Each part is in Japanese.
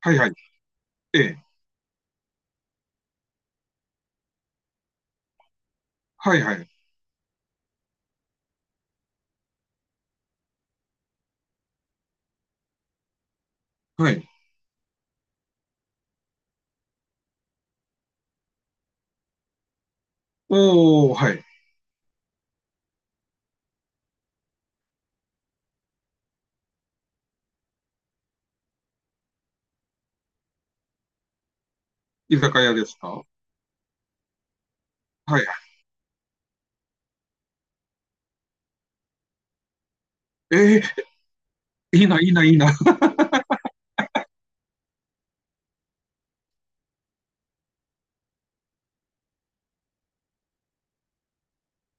はいはい。ええ。はいはい。はい。おーはい。居酒屋ですか、はいはい。ええ、いいな、いいな、いいな。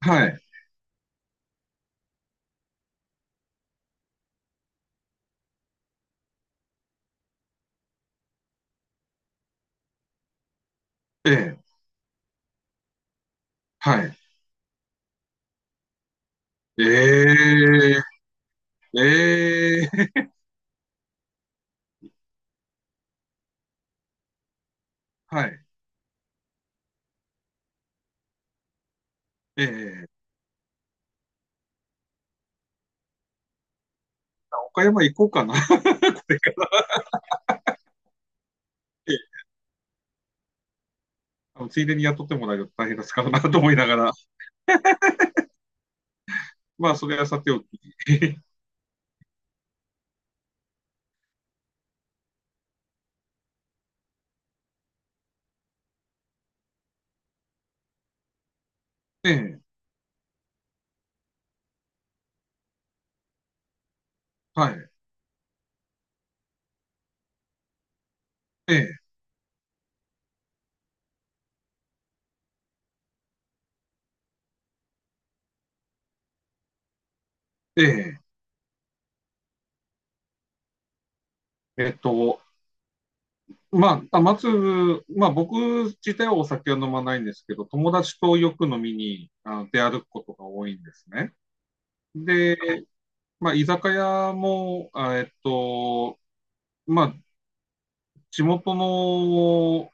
はい。ええ、はい。ええ、ええ、はい。ええ、岡山行こうかな。ええ、あのついでに雇ってもらえると大変ですからなと思いながら。まあ、それはさておき。ええ、はい。ええ、ええ。えっと、まあ、玉粒、まあ、僕自体はお酒は飲まないんですけど、友達とよく飲みに出歩くことが多いんですね。で、まあ、居酒屋も、あまあ、地元の、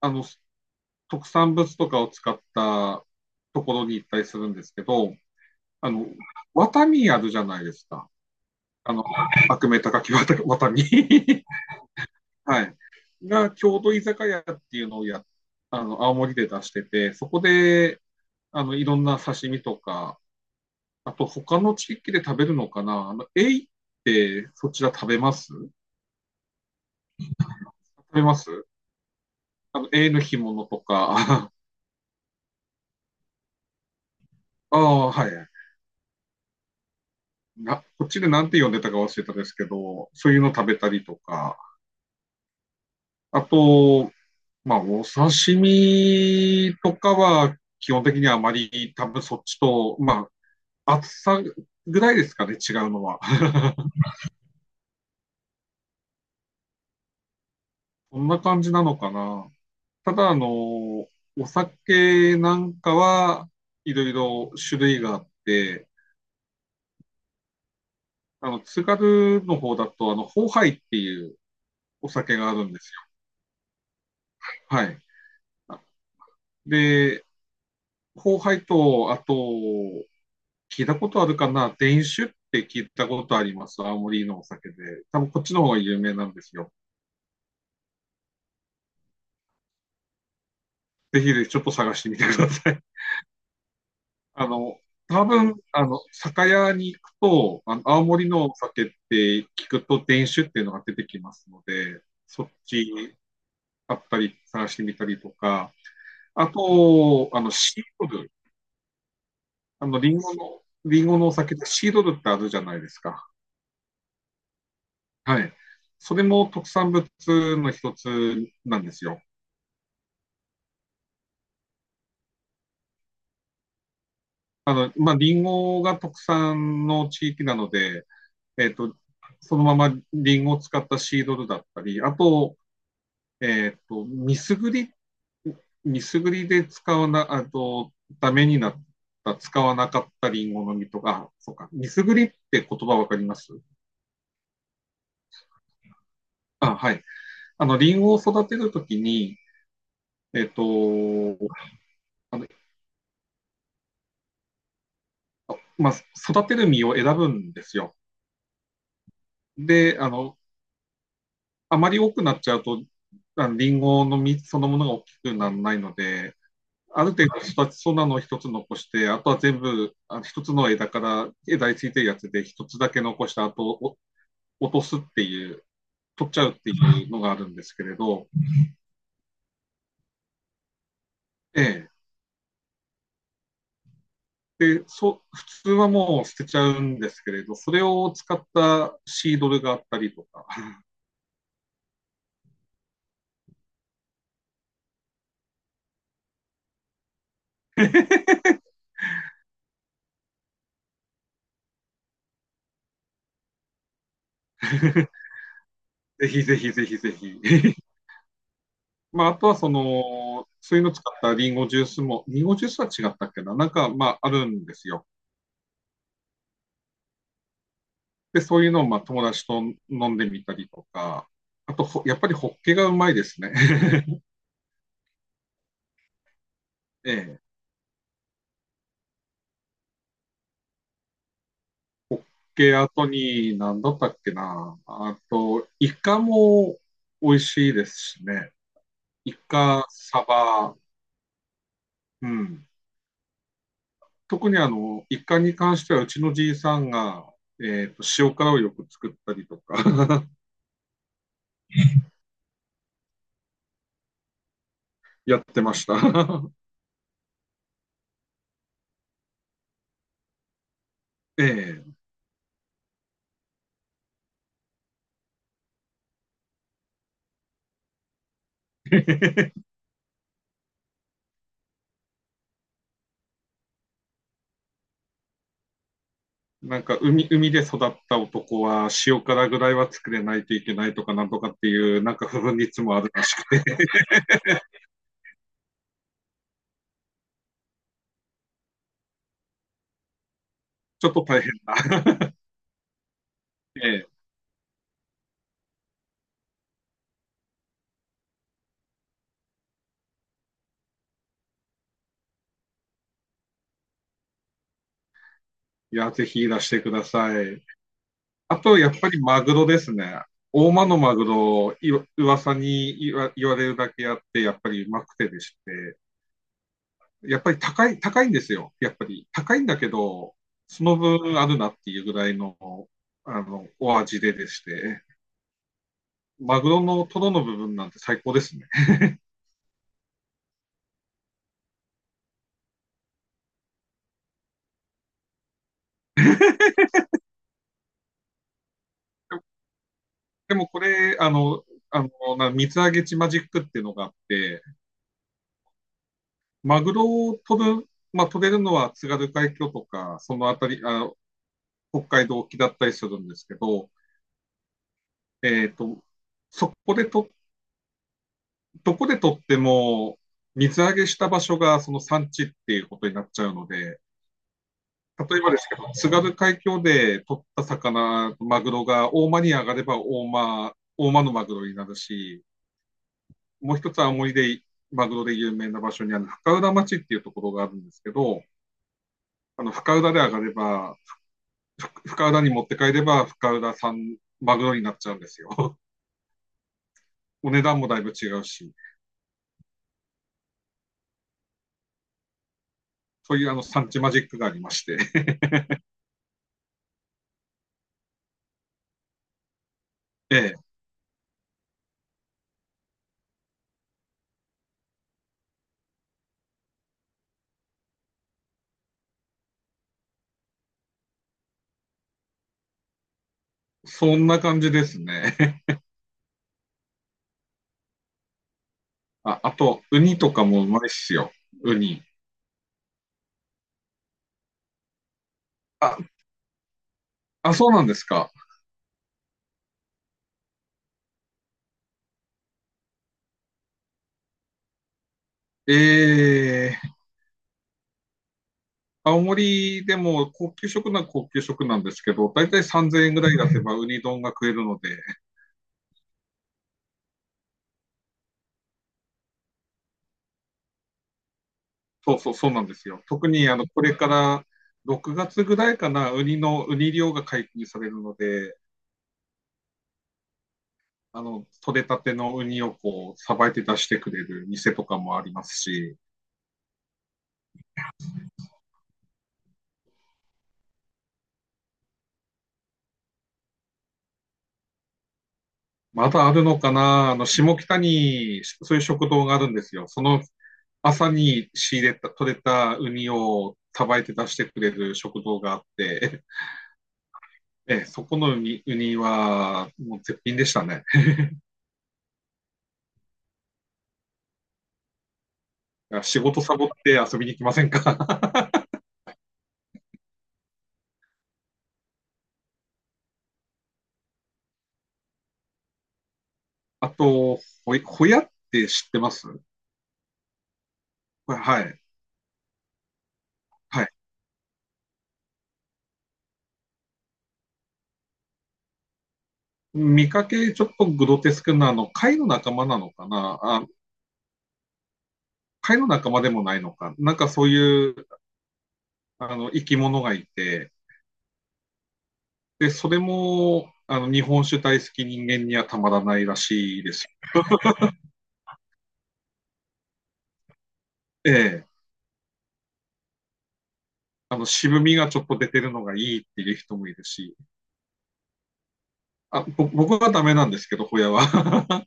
あの特産物とかを使ったところに行ったりするんですけど、あの、ワタミあるじゃないですか。あの、悪名高きワタミ。はい。が、郷土居酒屋っていうのをや、あの、青森で出してて、そこで、あの、いろんな刺身とか、あと他の地域で食べるのかな、あの、エイってそちら食べます、べますあの、エイの干物とか、ああ、はい。な、こっちでなんて呼んでたか忘れたですけど、そういうの食べたりとか、あと、まあ、お刺身とかは、基本的にはあまり多分そっちと、まあ、厚さぐらいですかね、違うのは。こんな感じなのかな。ただ、あの、お酒なんかはいろいろ種類があって、あの、津軽の方だと、あの、ホーハイっていうお酒があるんですよ。はい。で、ホーハイと、あと、聞いたことあるかな、伝酒って聞いたことあります。青森のお酒で。多分こっちの方が有名なんですよ。ぜひ、ちょっと探してみてください。あの、多分、あの、酒屋に行くと、あの、青森のお酒って聞くと伝酒っていうのが出てきますので、そっちあったり探してみたりとか、あと、あの、シードル、あの、リンゴの、お酒ってシードルってあるじゃないですか。はい。それも特産物の一つなんですよ。あの、まあ、リンゴが特産の地域なので、えっと、そのままリンゴを使ったシードルだったり、あと、ミスグリ、ミスグリで使わな、あと、ダメになった、使わなかったリンゴの実とか、あ、そうか、ミスグリって言葉わかります？あ、はい。あの、リンゴを育てるときに、えっと、あの、まあ、育てる実を選ぶんですよ。で、あの、あまり多くなっちゃうと、あのリンゴの実そのものが大きくならないので、ある程度育ちそうなのを一つ残して、あとは全部、あ一つの枝から、枝についてるやつで一つだけ残して、あとお落とすっていう、取っちゃうっていうのがあるんですけれど、ええ、でそ普通はもう捨てちゃうんですけれど、それを使ったシードルがあったりとか、ぜひぜひぜひぜひ。まあ、あとはその、そういうの使ったリンゴジュースも、リンゴジュースは違ったっけな、なんかまああるんですよ。で、そういうのをまあ友達と飲んでみたりとか、あとほ、やっぱりホッケがうまいですね。ええ、ホッケ後に何だったっけな。あと、イカも美味しいですしね。イカ、サバ、うん。特にあの、イカに関してはうちのじいさんが、塩辛をよく作ったりとか やってました。ええ、なんか海、海で育った男は塩辛ぐらいは作れないといけないとかなんとかっていう、なんか不分率もあるらしく、ちょっと大変だ。ええ、いや、ぜひいらしてください。あと、やっぱりマグロですね。大間のマグロ、いわ噂に言わ言われるだけあって、やっぱりうまくてでして、やっぱり高い、高いんですよ。やっぱり高いんだけど、その分あるなっていうぐらいの、あの、お味ででして、マグロのトロの部分なんて最高ですね。でもこれ、な水揚げ地マジックっていうのがあって、マグロを取る、まあ、取れるのは津軽海峡とか、そのあたり、あ、北海道沖だったりするんですけど、えっと、そこでと、どこで取っても、水揚げした場所がその産地っていうことになっちゃうので、例えばですけど、津軽海峡で取った魚、マグロが大間に上がれば大間、大間のマグロになるし、もう一つは青森で、マグロで有名な場所にある深浦町っていうところがあるんですけど、あの、深浦で上がれば、深浦に持って帰れば、深浦産マグロになっちゃうんですよ。お値段もだいぶ違うし、そういうあの、産地マジックがありまして。ええ、そんな感じですね。あ、あと、ウニとかもうまいっすよ。ウニ。あ、あ、そうなんですか。ええ、青森でも高級食なら高級食なんですけど、だいたい3000円ぐらい出せばウニ丼が食えるので、そうそう、そうなんですよ。特にあのこれから6月ぐらいかな、ウニの、ウニ漁が解禁されるので、あの、取れたてのウニをこう、さばいて出してくれる店とかもありますし、まだあるのかな、あの、下北にそういう食堂があるんですよ。その朝に仕入れた、取れたウニをさばいて出してくれる食堂があって、ええ、そこのウニ、ウニはもう絶品でしたね。仕事サボって遊びに来ませんか？あと、ほい、ほやって知ってます？これはい。はい。見かけちょっとグロテスクな、あの、貝の仲間なのかなあ、貝の仲間でもないのか。なんかそういう、あの、生き物がいて、で、それも、あの、日本酒大好き人間にはたまらないらしいですよ。ええ。あの、渋みがちょっと出てるのがいいっていう人もいるし、あ、ぼ僕はダメなんですけど、ホヤは。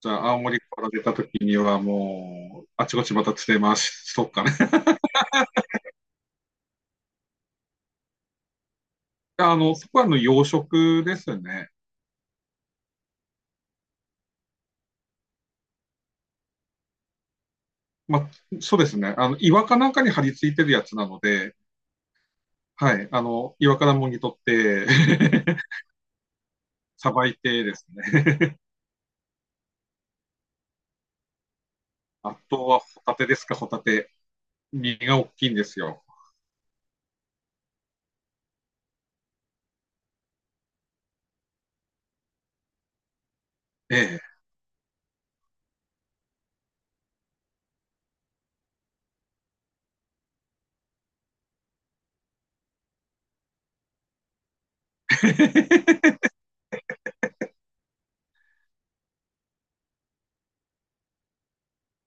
じゃあ、青森から出た時にはもう、あちこちまた釣れます。そっか、やあの、そこはあの養殖ですね。まあ、そうですね。あの、岩かなんかに張り付いてるやつなので、はい。あの、岩からもぎ取って さばいてですね。あとはホタテですか、ホタテ。身が大きいんですよ。ええ。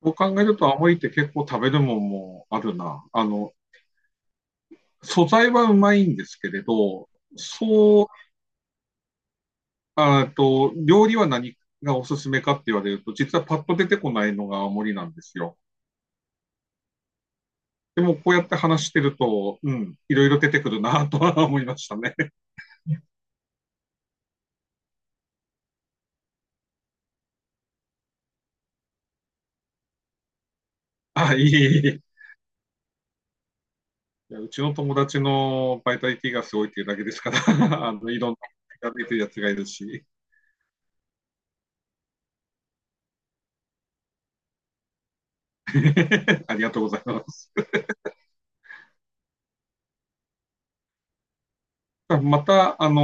そう考えると、青森って結構食べるもんもあるな。あの、素材はうまいんですけれど、そう、あーと、料理は何がおすすめかって言われると、実はパッと出てこないのが青森なんですよ。でも、こうやって話してると、うん、いろいろ出てくるなとは思いましたね。あ、いいいい、いやうちの友達のバイタリティがすごいっていうだけですから、あの、いろんな。やってるやつがいるし、ありがとうございます。また、あの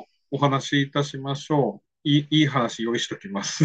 ーお話しいたしましょう。いい、いい話用意しときます。